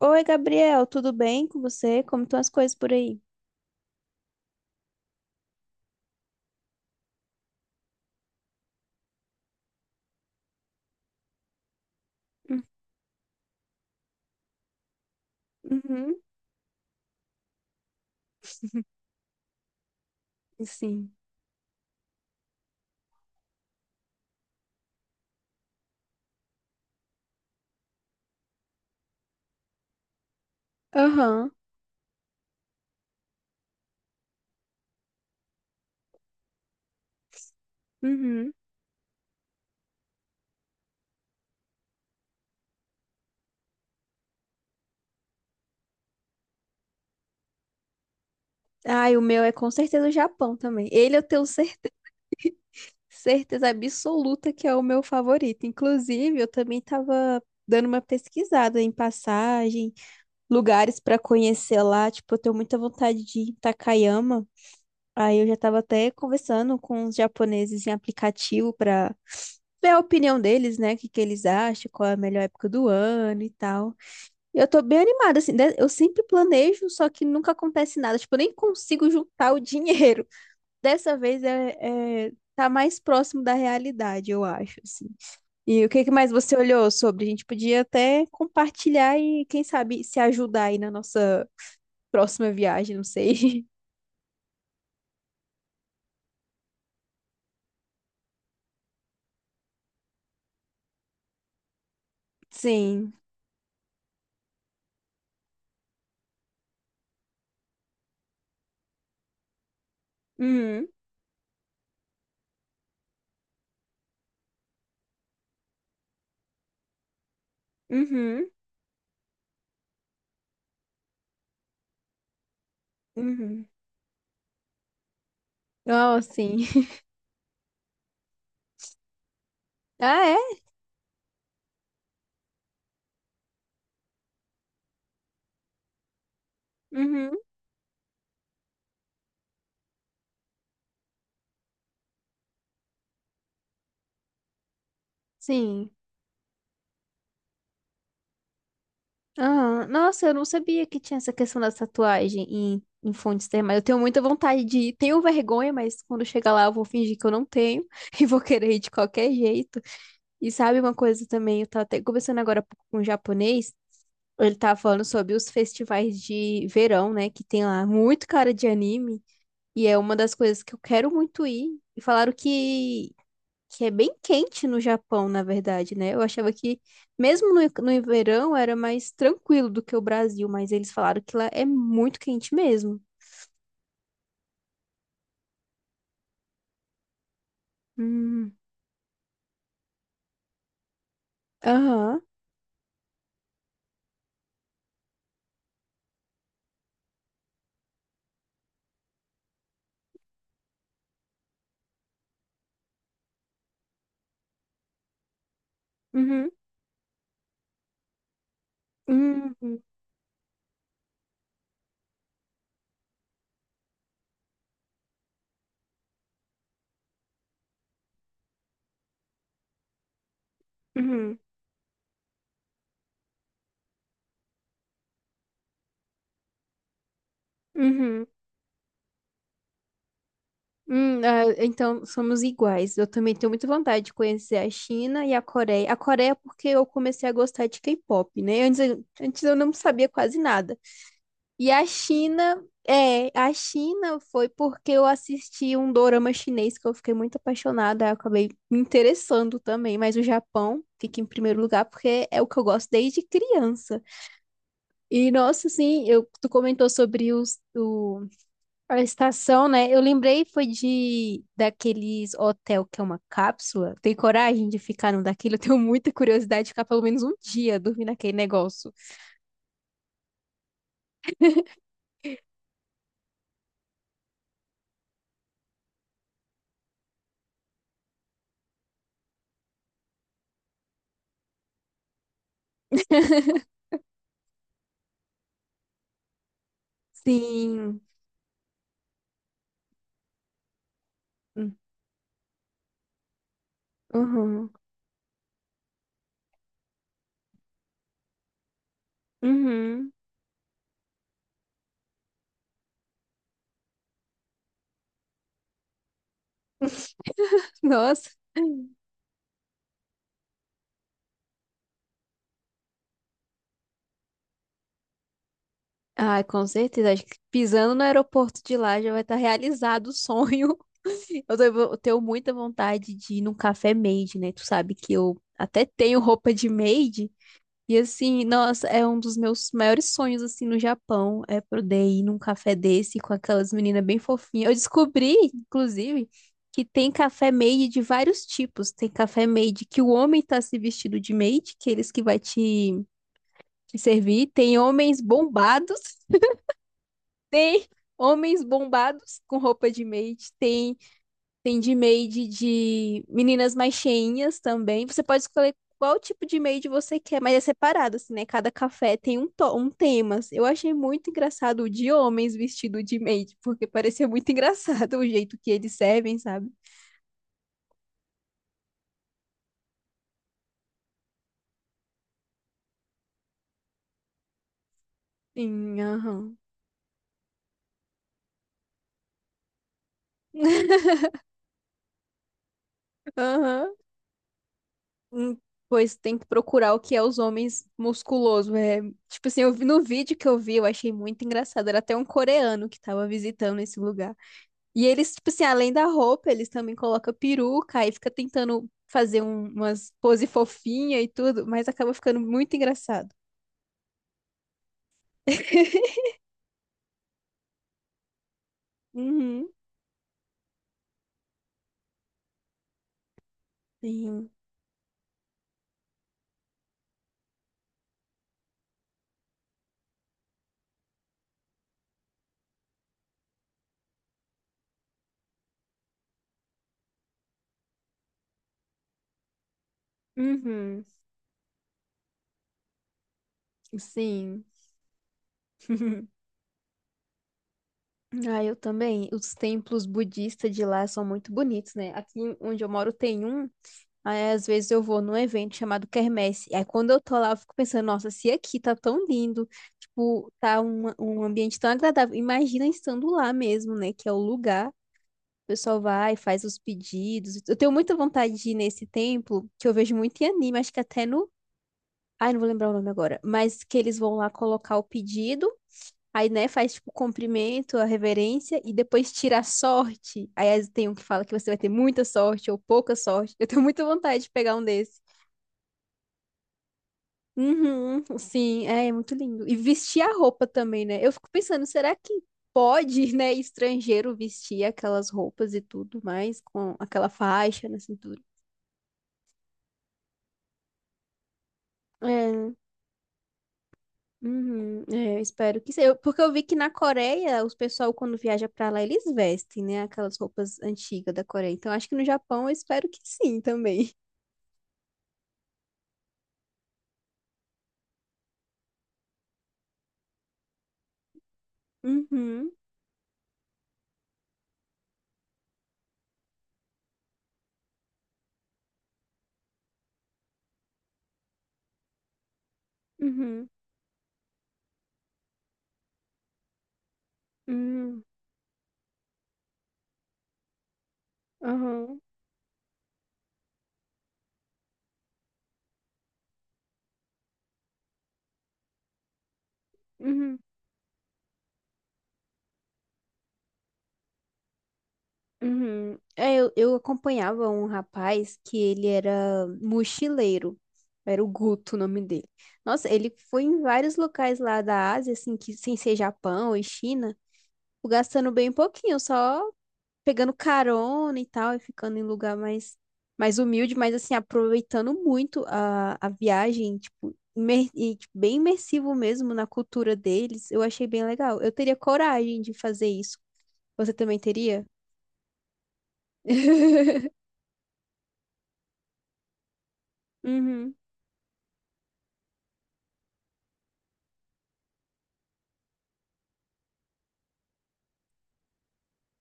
Oi, Gabriel, tudo bem com você? Como estão as coisas por aí? Hum, Uhum, sim. Aham. Uhum. Ai, o meu é com certeza o Japão também. Ele eu tenho certe- certeza absoluta que é o meu favorito. Inclusive, eu também estava dando uma pesquisada em passagem, lugares para conhecer lá. Tipo, eu tenho muita vontade de ir em Takayama. Aí eu já estava até conversando com os japoneses em aplicativo para ver a opinião deles, né? O que que eles acham, qual é a melhor época do ano e tal. E eu tô bem animada, assim, eu sempre planejo, só que nunca acontece nada. Tipo, eu nem consigo juntar o dinheiro. Dessa vez tá mais próximo da realidade, eu acho, assim. E o que que mais você olhou sobre? A gente podia até compartilhar e, quem sabe, se ajudar aí na nossa próxima viagem, não sei. Sim. Uhum. Uhum. Uhum. Oh, sim. Ah, é? Uhum. Sim. Ah, nossa, eu não sabia que tinha essa questão da tatuagem em fontes termais. Eu tenho muita vontade de ir. Tenho vergonha, mas quando chegar lá eu vou fingir que eu não tenho e vou querer ir de qualquer jeito. E sabe uma coisa também? Eu tava até conversando agora há pouco com um japonês. Ele tava falando sobre os festivais de verão, né? Que tem lá muito cara de anime. E é uma das coisas que eu quero muito ir. E falaram que é bem quente no Japão, na verdade, né? Eu achava que, mesmo no verão, era mais tranquilo do que o Brasil, mas eles falaram que lá é muito quente mesmo. Hum, aham, uhum, uhum, uhum, uhum, ah, então, somos iguais. Eu também tenho muita vontade de conhecer a China e a Coreia. A Coreia porque eu comecei a gostar de K-pop, né? Antes, antes eu não sabia quase nada. E a China, a China foi porque eu assisti um dorama chinês que eu fiquei muito apaixonada, aí eu acabei me interessando também, mas o Japão fica em primeiro lugar porque é o que eu gosto desde criança. E nossa, assim, tu comentou sobre a estação, né? Eu lembrei foi de daqueles hotel que é uma cápsula. Tem coragem de ficar num daquilo? Eu tenho muita curiosidade de ficar pelo menos um dia dormindo naquele negócio. Sim. Uhum. Uhum. Nossa. Ai, com certeza. Acho que pisando no aeroporto de lá já vai estar realizado o sonho. Eu tenho muita vontade de ir num café made, né? Tu sabe que eu até tenho roupa de made. E assim, nossa, é um dos meus maiores sonhos, assim, no Japão, é poder ir num café desse com aquelas meninas bem fofinhas. Eu descobri, inclusive, que tem café made de vários tipos. Tem café made que o homem tá se vestido de maid, que é eles que vai te servir. Tem homens bombados com roupa de maid, tem de maid de meninas mais cheinhas também. Você pode escolher qual tipo de maid você quer, mas é separado, assim, né? Cada café tem um, um tema. Assim. Eu achei muito engraçado o de homens vestido de maid, porque parecia muito engraçado o jeito que eles servem, sabe? Sim, aham. Aham. Hum, Pois tem que procurar o que é os homens musculosos. É, tipo assim, eu vi no vídeo que eu vi, eu achei muito engraçado. Era até um coreano que tava visitando esse lugar. E eles, tipo assim, além da roupa, eles também colocam peruca e fica tentando fazer umas pose fofinha e tudo, mas acaba ficando muito engraçado. Uhum, sim. Uhum, sim. Ah, eu também. Os templos budistas de lá são muito bonitos, né? Aqui onde eu moro tem um. Aí, às vezes eu vou num evento chamado Quermesse. Aí quando eu tô lá, eu fico pensando, nossa, se aqui tá tão lindo, tipo, tá um ambiente tão agradável. Imagina estando lá mesmo, né? Que é o lugar. O pessoal vai, faz os pedidos. Eu tenho muita vontade de ir nesse templo, que eu vejo muito em anime, acho que até no. Ai, não vou lembrar o nome agora. Mas que eles vão lá colocar o pedido. Aí, né, faz tipo o cumprimento, a reverência e depois tira a sorte. Aí às tem um que fala que você vai ter muita sorte ou pouca sorte. Eu tenho muita vontade de pegar um desses. Uhum, sim, é, é muito lindo. E vestir a roupa também, né? Eu fico pensando, será que pode, né, estrangeiro vestir aquelas roupas e tudo mais, com aquela faixa na cintura? É, uhum, é, eu espero que seja. Porque eu vi que na Coreia, os pessoal, quando viaja pra lá, eles vestem, né, aquelas roupas antigas da Coreia. Então, acho que no Japão, eu espero que sim também. Uhum, uhum, uhum, uhum, uhum. Uhum. É, eu acompanhava um rapaz que ele era mochileiro. Era o Guto o nome dele. Nossa, ele foi em vários locais lá da Ásia, assim, que sem ser Japão e China, gastando bem pouquinho, só pegando carona e tal, e ficando em lugar mais, mais humilde, mas assim, aproveitando muito a viagem, tipo, tipo, bem imersivo mesmo na cultura deles. Eu achei bem legal. Eu teria coragem de fazer isso. Você também teria? Uhum.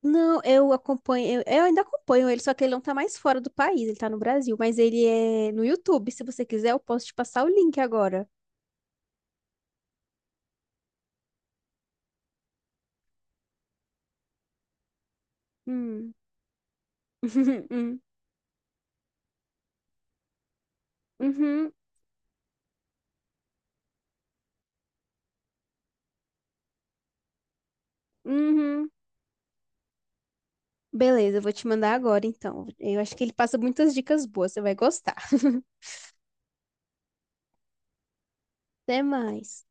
Não, eu acompanho, eu ainda acompanho ele, só que ele não tá mais fora do país, ele tá no Brasil, mas ele é no YouTube. Se você quiser, eu posso te passar o link agora. Hum. Uhum, uhum, uhum. Beleza, eu vou te mandar agora então. Eu acho que ele passa muitas dicas boas, você vai gostar. Até mais.